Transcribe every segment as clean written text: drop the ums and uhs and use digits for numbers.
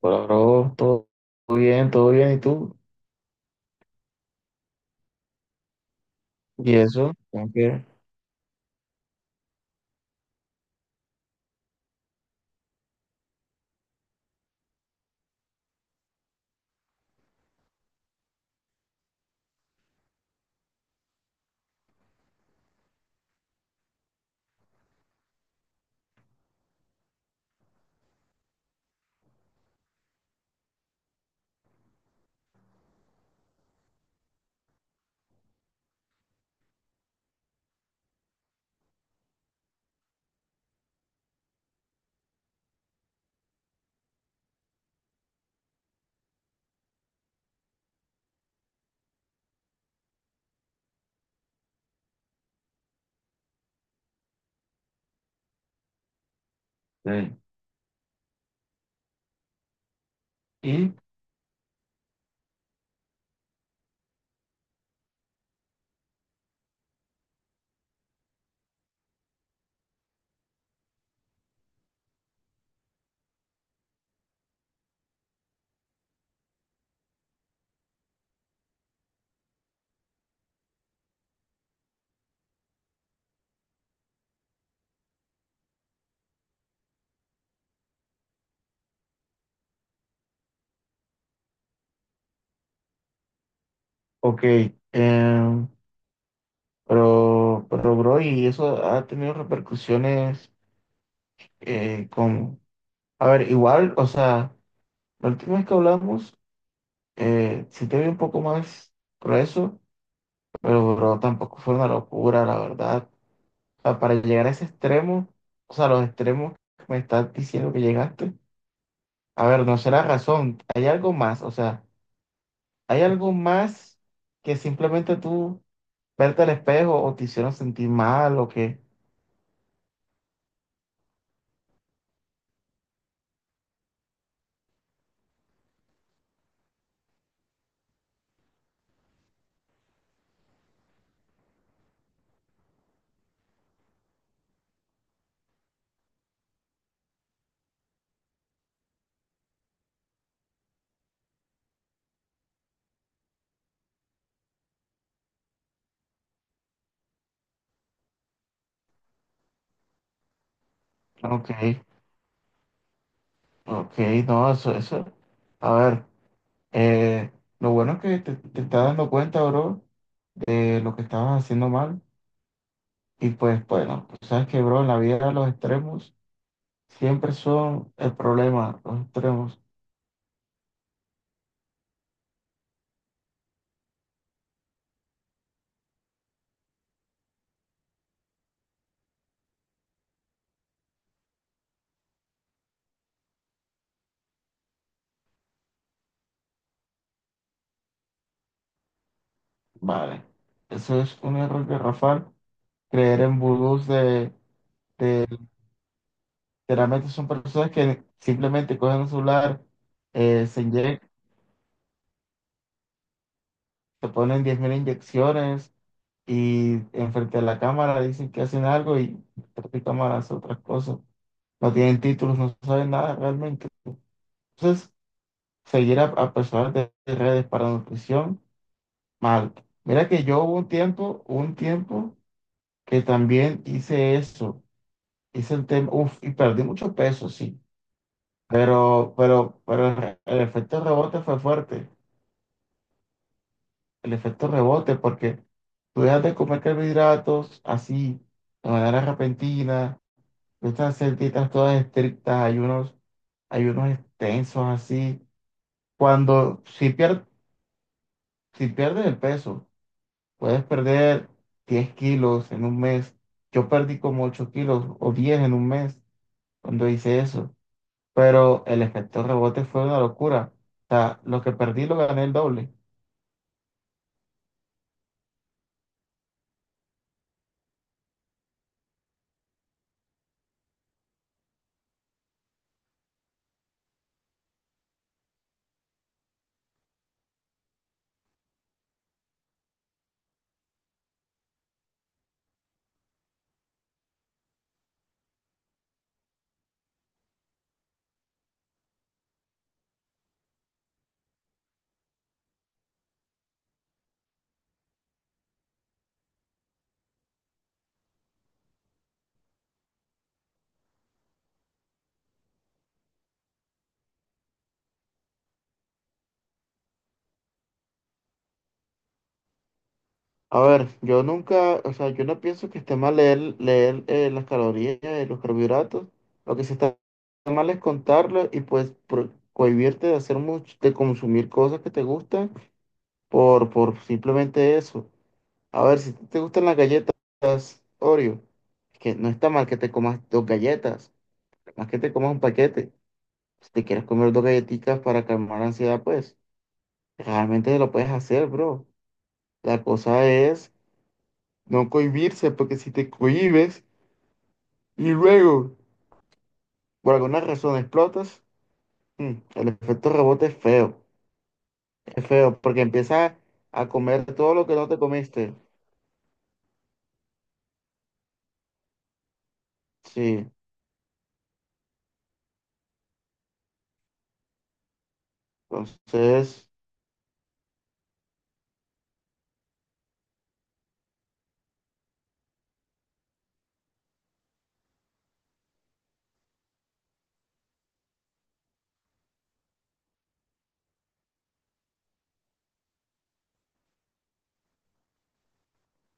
Hola, bro, todo bien, todo bien, ¿y tú? ¿Y eso? ¿Cómo que? Sí. ¿Y? Ok, em, pero, bro, ¿y eso ha tenido repercusiones con... A ver, igual, o sea, la última vez que hablamos, sí te vi un poco más grueso, pero, bro, tampoco fue una locura, la verdad. O sea, para llegar a ese extremo, o sea, los extremos que me estás diciendo que llegaste, a ver, no será razón, hay algo más, o sea... ¿Hay algo más que simplemente tú verte al espejo o te hicieron sentir mal o qué? Ok, ok, no, eso, a ver, eh, lo bueno es que te estás dando cuenta, bro, de lo que estabas haciendo mal. Y pues bueno, tú sabes que, bro, en la vida los extremos siempre son el problema, los extremos. Vale, eso es un error garrafal, creer en vudús de... Generalmente son personas que simplemente cogen un celular, se inyectan, se ponen 10,000 inyecciones y enfrente de la cámara dicen que hacen algo y detrás de cámara hacen otras cosas. No tienen títulos, no saben nada realmente. Entonces, seguir a personas de redes para nutrición, mal. Mira que yo hubo un tiempo que también hice eso. Hice el tema, uf, y perdí mucho peso, sí. Pero el, el efecto rebote fue fuerte. El efecto rebote, porque tú dejas de comer carbohidratos así, de manera repentina, tú estás a hacer dietas todas estrictas, ayunos, ayunos extensos así. Cuando, si pierdes el peso, puedes perder 10 kilos en 1 mes. Yo perdí como 8 kilos o 10 en 1 mes cuando hice eso, pero el efecto rebote fue una locura. O sea, lo que perdí lo gané el doble. A ver, yo nunca, o sea, yo no pienso que esté mal leer, leer las calorías y los carbohidratos. Lo que sí está mal es contarlo y pues cohibirte de hacer mucho, de consumir cosas que te gustan por simplemente eso. A ver, si te gustan las galletas Oreo, que no está mal que te comas dos galletas, más que te comas un paquete. Si te quieres comer dos galletitas para calmar la ansiedad, pues realmente lo puedes hacer, bro. La cosa es no cohibirse, porque si te cohibes y luego por alguna razón explotas, el efecto rebote es feo. Es feo, porque empiezas a comer todo lo que no te comiste. Sí, entonces,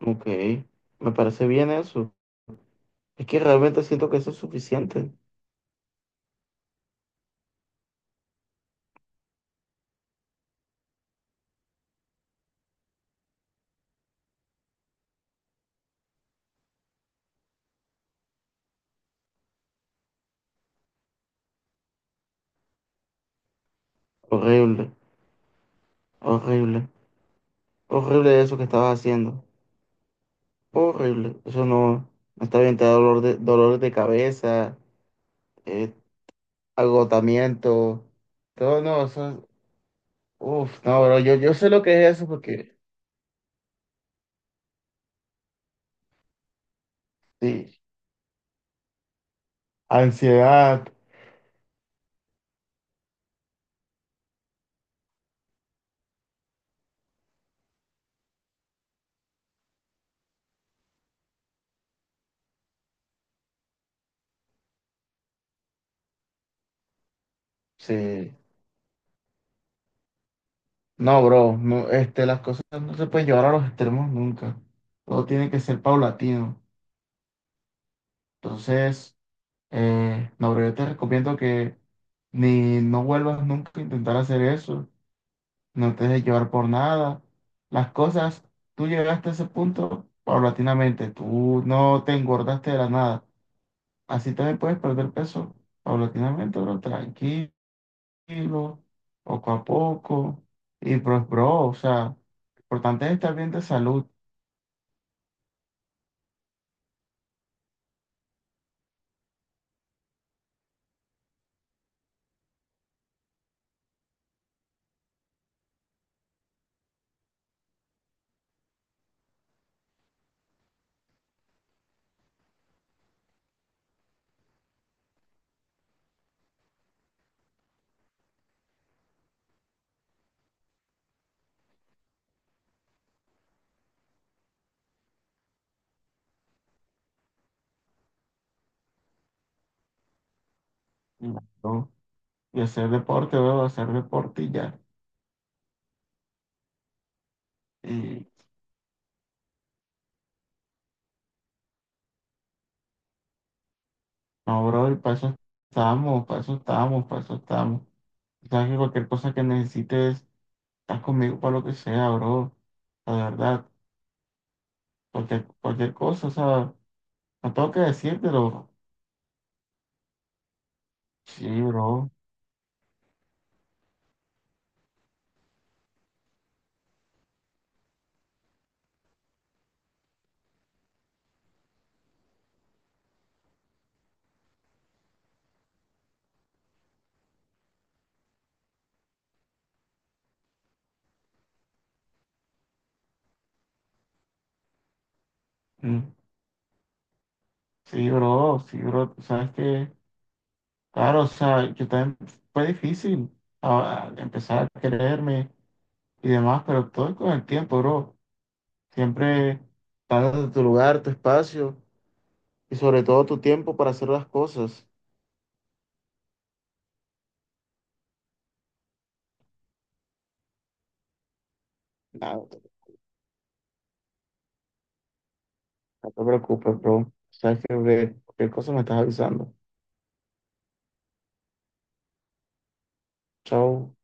ok, me parece bien eso. Es que realmente siento que eso es suficiente. Horrible, horrible, horrible eso que estabas haciendo. Horrible, eso no, no está bien, te da dolor de, dolores de cabeza, eh, agotamiento. Todo no, eso, uf, no, bro, yo sé lo que es eso porque, sí, ansiedad, sí. No, bro, no, este, las cosas no se pueden llevar a los extremos nunca. Todo tiene que ser paulatino. Entonces, no, bro, yo te recomiendo que ni no vuelvas nunca a intentar hacer eso. No te dejes llevar por nada. Las cosas, tú llegaste a ese punto paulatinamente. Tú no te engordaste de la nada. Así también puedes perder peso paulatinamente, bro, tranquilo tranquilo, poco a poco. Y pues, bro, o sea, lo importante es estar bien de salud, y ¿no? Y hacer deporte, bro, hacer deporte y ya. Y no, bro, y para eso estamos, para eso estamos, para eso estamos. O sea, que cualquier cosa que necesites, estás conmigo para lo que sea, bro. La verdad, cualquier, cualquier cosa, o sea, no tengo que decírtelo. Sí, bro. Mm. Sí, bro, sí, bro. Tú sabes que. Claro, o sea, yo también fue difícil empezar a quererme y demás, pero todo es con el tiempo, bro. Siempre dándote tu lugar, tu espacio y sobre todo tu tiempo para hacer las cosas. Nada, no te no preocupes, bro. Sabes que cualquier cosa me estás avisando. Chao.